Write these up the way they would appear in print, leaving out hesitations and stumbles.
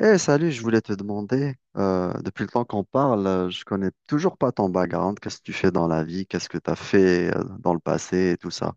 Eh, salut, je voulais te demander, depuis le temps qu'on parle, je connais toujours pas ton background. Qu'est-ce que tu fais dans la vie? Qu'est-ce que tu as fait dans le passé et tout ça?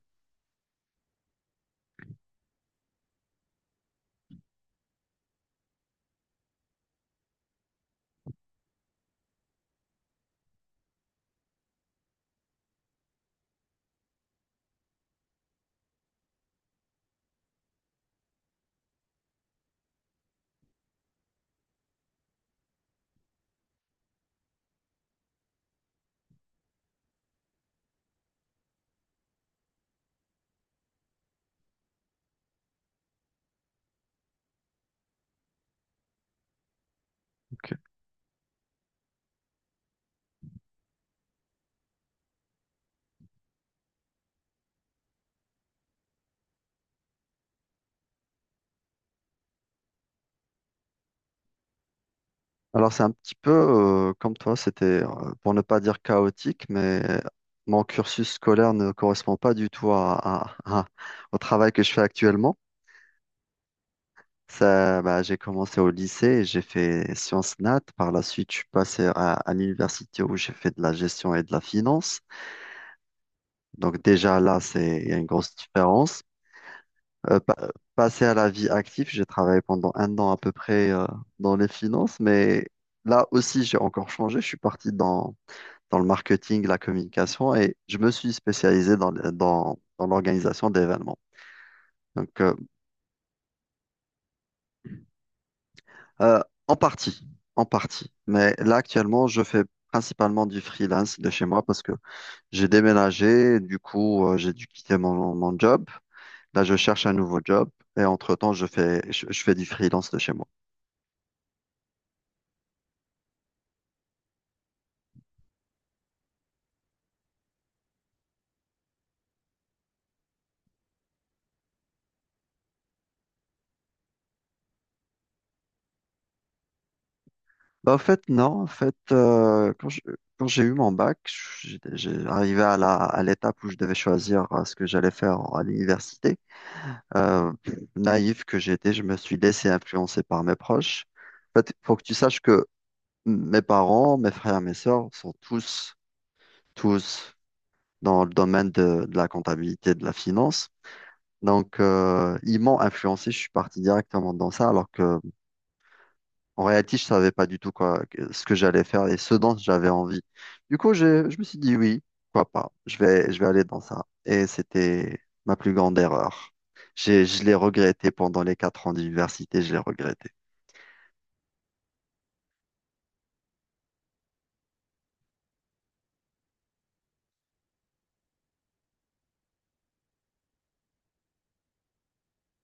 Ok. Alors c'est un petit peu comme toi, c'était pour ne pas dire chaotique, mais mon cursus scolaire ne correspond pas du tout au travail que je fais actuellement. Ça, bah, j'ai commencé au lycée, et j'ai fait sciences nat. Par la suite, je suis passé à l'université où j'ai fait de la gestion et de la finance. Donc déjà là, c'est il y a une grosse différence. Passé à la vie active, j'ai travaillé pendant un an à peu près dans les finances, mais là aussi, j'ai encore changé. Je suis parti dans le marketing, la communication, et je me suis spécialisé dans l'organisation d'événements. Donc, euh, en partie, en partie. Mais là, actuellement, je fais principalement du freelance de chez moi parce que j'ai déménagé, du coup, j'ai dû quitter mon job. Là, je cherche un nouveau job et entre-temps, je fais du freelance de chez moi. Bah, en fait, non, en fait, quand j'ai eu mon bac, j'ai arrivé à l'étape où je devais choisir ce que j'allais faire à l'université. Euh, naïf que j'étais, je me suis laissé influencer par mes proches. En fait, il faut que tu saches que mes parents, mes frères, mes sœurs sont tous dans le domaine de la comptabilité, de la finance. Donc, ils m'ont influencé, je suis parti directement dans ça, alors que en réalité, je savais pas du tout quoi, ce que j'allais faire et ce dont j'avais envie. Du coup, je me suis dit oui, pourquoi pas, je vais aller dans ça. Et c'était ma plus grande erreur. Je l'ai regretté pendant les 4 ans d'université, je l'ai regretté.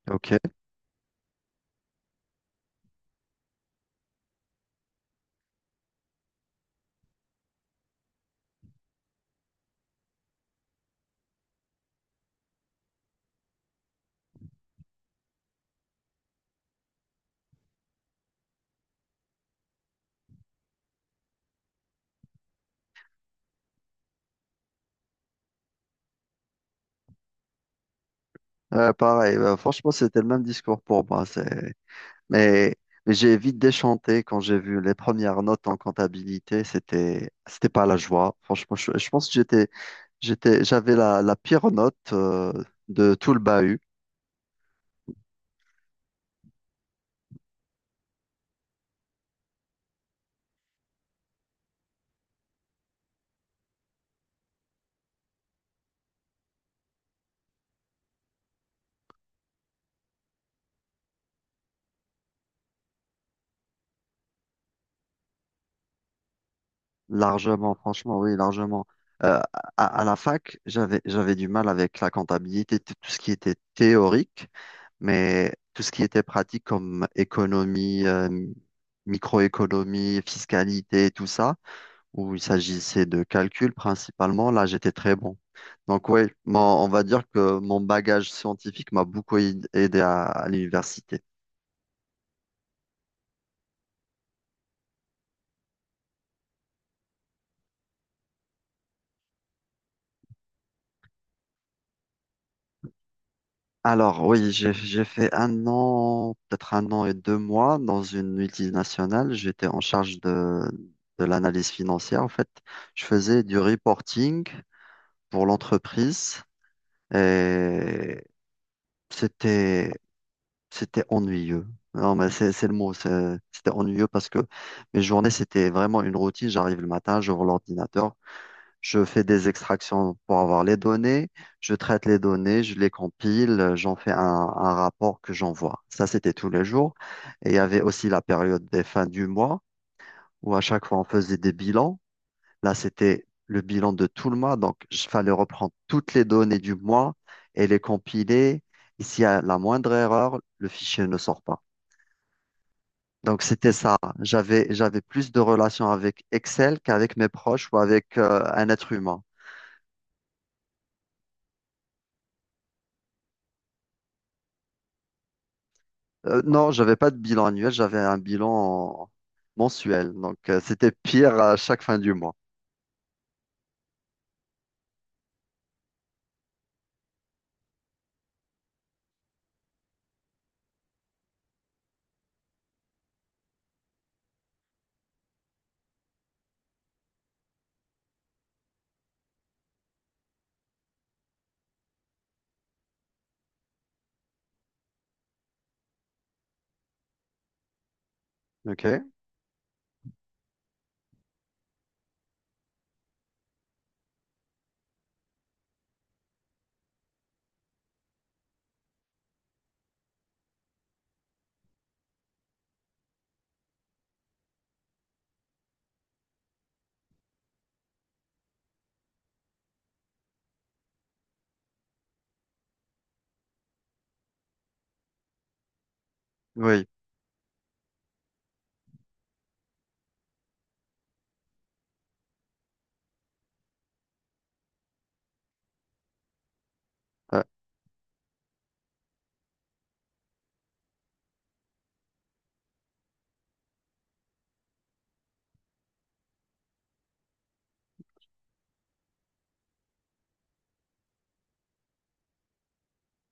Ok. Pareil, bah, franchement, c'était le même discours pour moi. C'est. Mais, mais j'ai vite déchanté quand j'ai vu les premières notes en comptabilité. C'était pas la joie. Franchement, je pense que j'avais la pire note de tout le bahut. Largement, franchement, oui, largement. Euh, à la fac, j'avais du mal avec la comptabilité, tout ce qui était théorique, mais tout ce qui était pratique comme économie, microéconomie, fiscalité, tout ça, où il s'agissait de calcul principalement. Là, j'étais très bon. Donc oui, on va dire que mon bagage scientifique m'a beaucoup aidé à l'université. Alors oui, j'ai fait un an, peut-être un an et 2 mois dans une multinationale. J'étais en charge de l'analyse financière. En fait, je faisais du reporting pour l'entreprise, et c'était C'était ennuyeux. Non, mais c'est le mot. C'était ennuyeux parce que mes journées, c'était vraiment une routine. J'arrive le matin, j'ouvre l'ordinateur, je fais des extractions pour avoir les données, je traite les données, je les compile, j'en fais un rapport que j'envoie. Ça, c'était tous les jours. Et il y avait aussi la période des fins du mois où à chaque fois, on faisait des bilans. Là, c'était le bilan de tout le mois. Donc, il fallait reprendre toutes les données du mois et les compiler. Et s'il y a la moindre erreur, le fichier ne sort pas. Donc, c'était ça. J'avais plus de relations avec Excel qu'avec mes proches ou avec un être humain. Non, j'avais pas de bilan annuel, j'avais un bilan mensuel. Donc, c'était pire à chaque fin du mois. OK? Oui. Euh,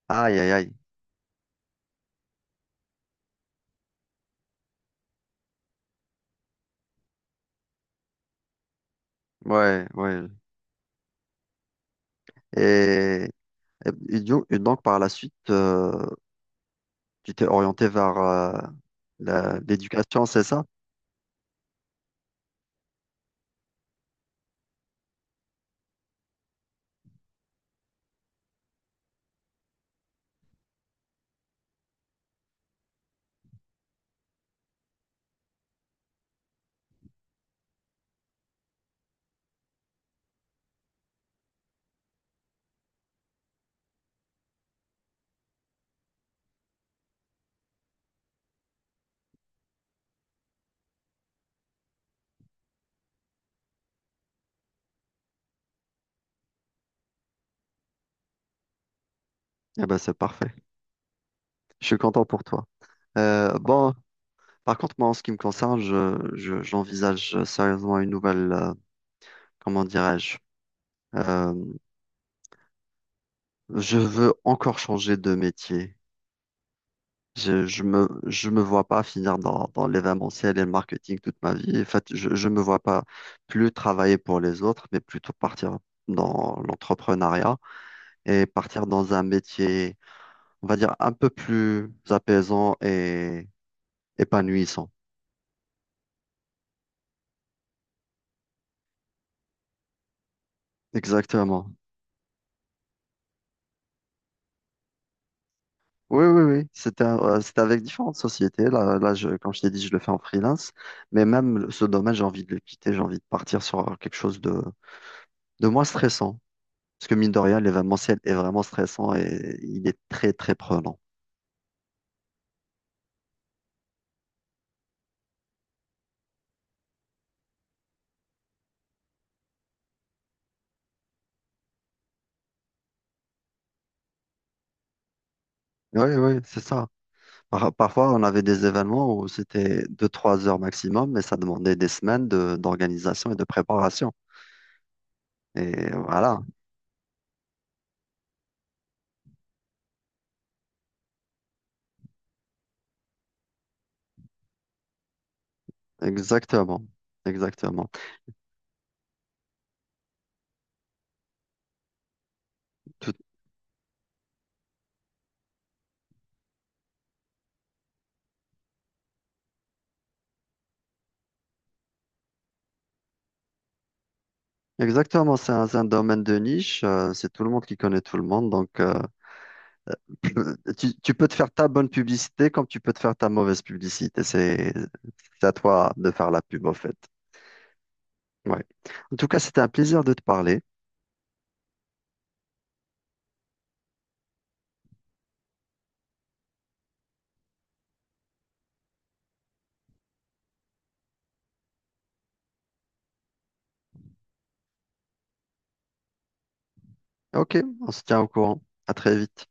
aïe, aïe, aïe. Ouais, ouais. Et, et donc, par la suite, tu t'es orienté vers l'éducation, c'est ça? Eh ben, c'est parfait. Je suis content pour toi. Bon, par contre, moi, en ce qui me concerne, j'envisage sérieusement une nouvelle, comment dirais-je? Euh, je veux encore changer de métier. Je me vois pas finir dans l'événementiel et le marketing toute ma vie. En fait, je me vois pas plus travailler pour les autres, mais plutôt partir dans l'entrepreneuriat et partir dans un métier, on va dire, un peu plus apaisant et épanouissant. Exactement. Oui, oui, oui. C'était avec différentes sociétés. Là, comme je t'ai dit, je le fais en freelance. Mais même ce domaine, j'ai envie de le quitter. J'ai envie de partir sur quelque chose de moins stressant. Parce que mine de rien, l'événementiel est vraiment stressant et il est très, très prenant. Oui, oui, c'est ça. Parfois, on avait des événements où c'était deux trois heures maximum, mais ça demandait des semaines d'organisation et de préparation. Et voilà, exactement. Exactement. Tout- exactement, c'est un domaine de niche. C'est tout le monde qui connaît tout le monde. Donc, tu peux te faire ta bonne publicité comme tu peux te faire ta mauvaise publicité. C'est à toi de faire la pub, au fait. Ouais. En tout cas, c'était un plaisir de te parler. Ok, on se tient au courant. À très vite.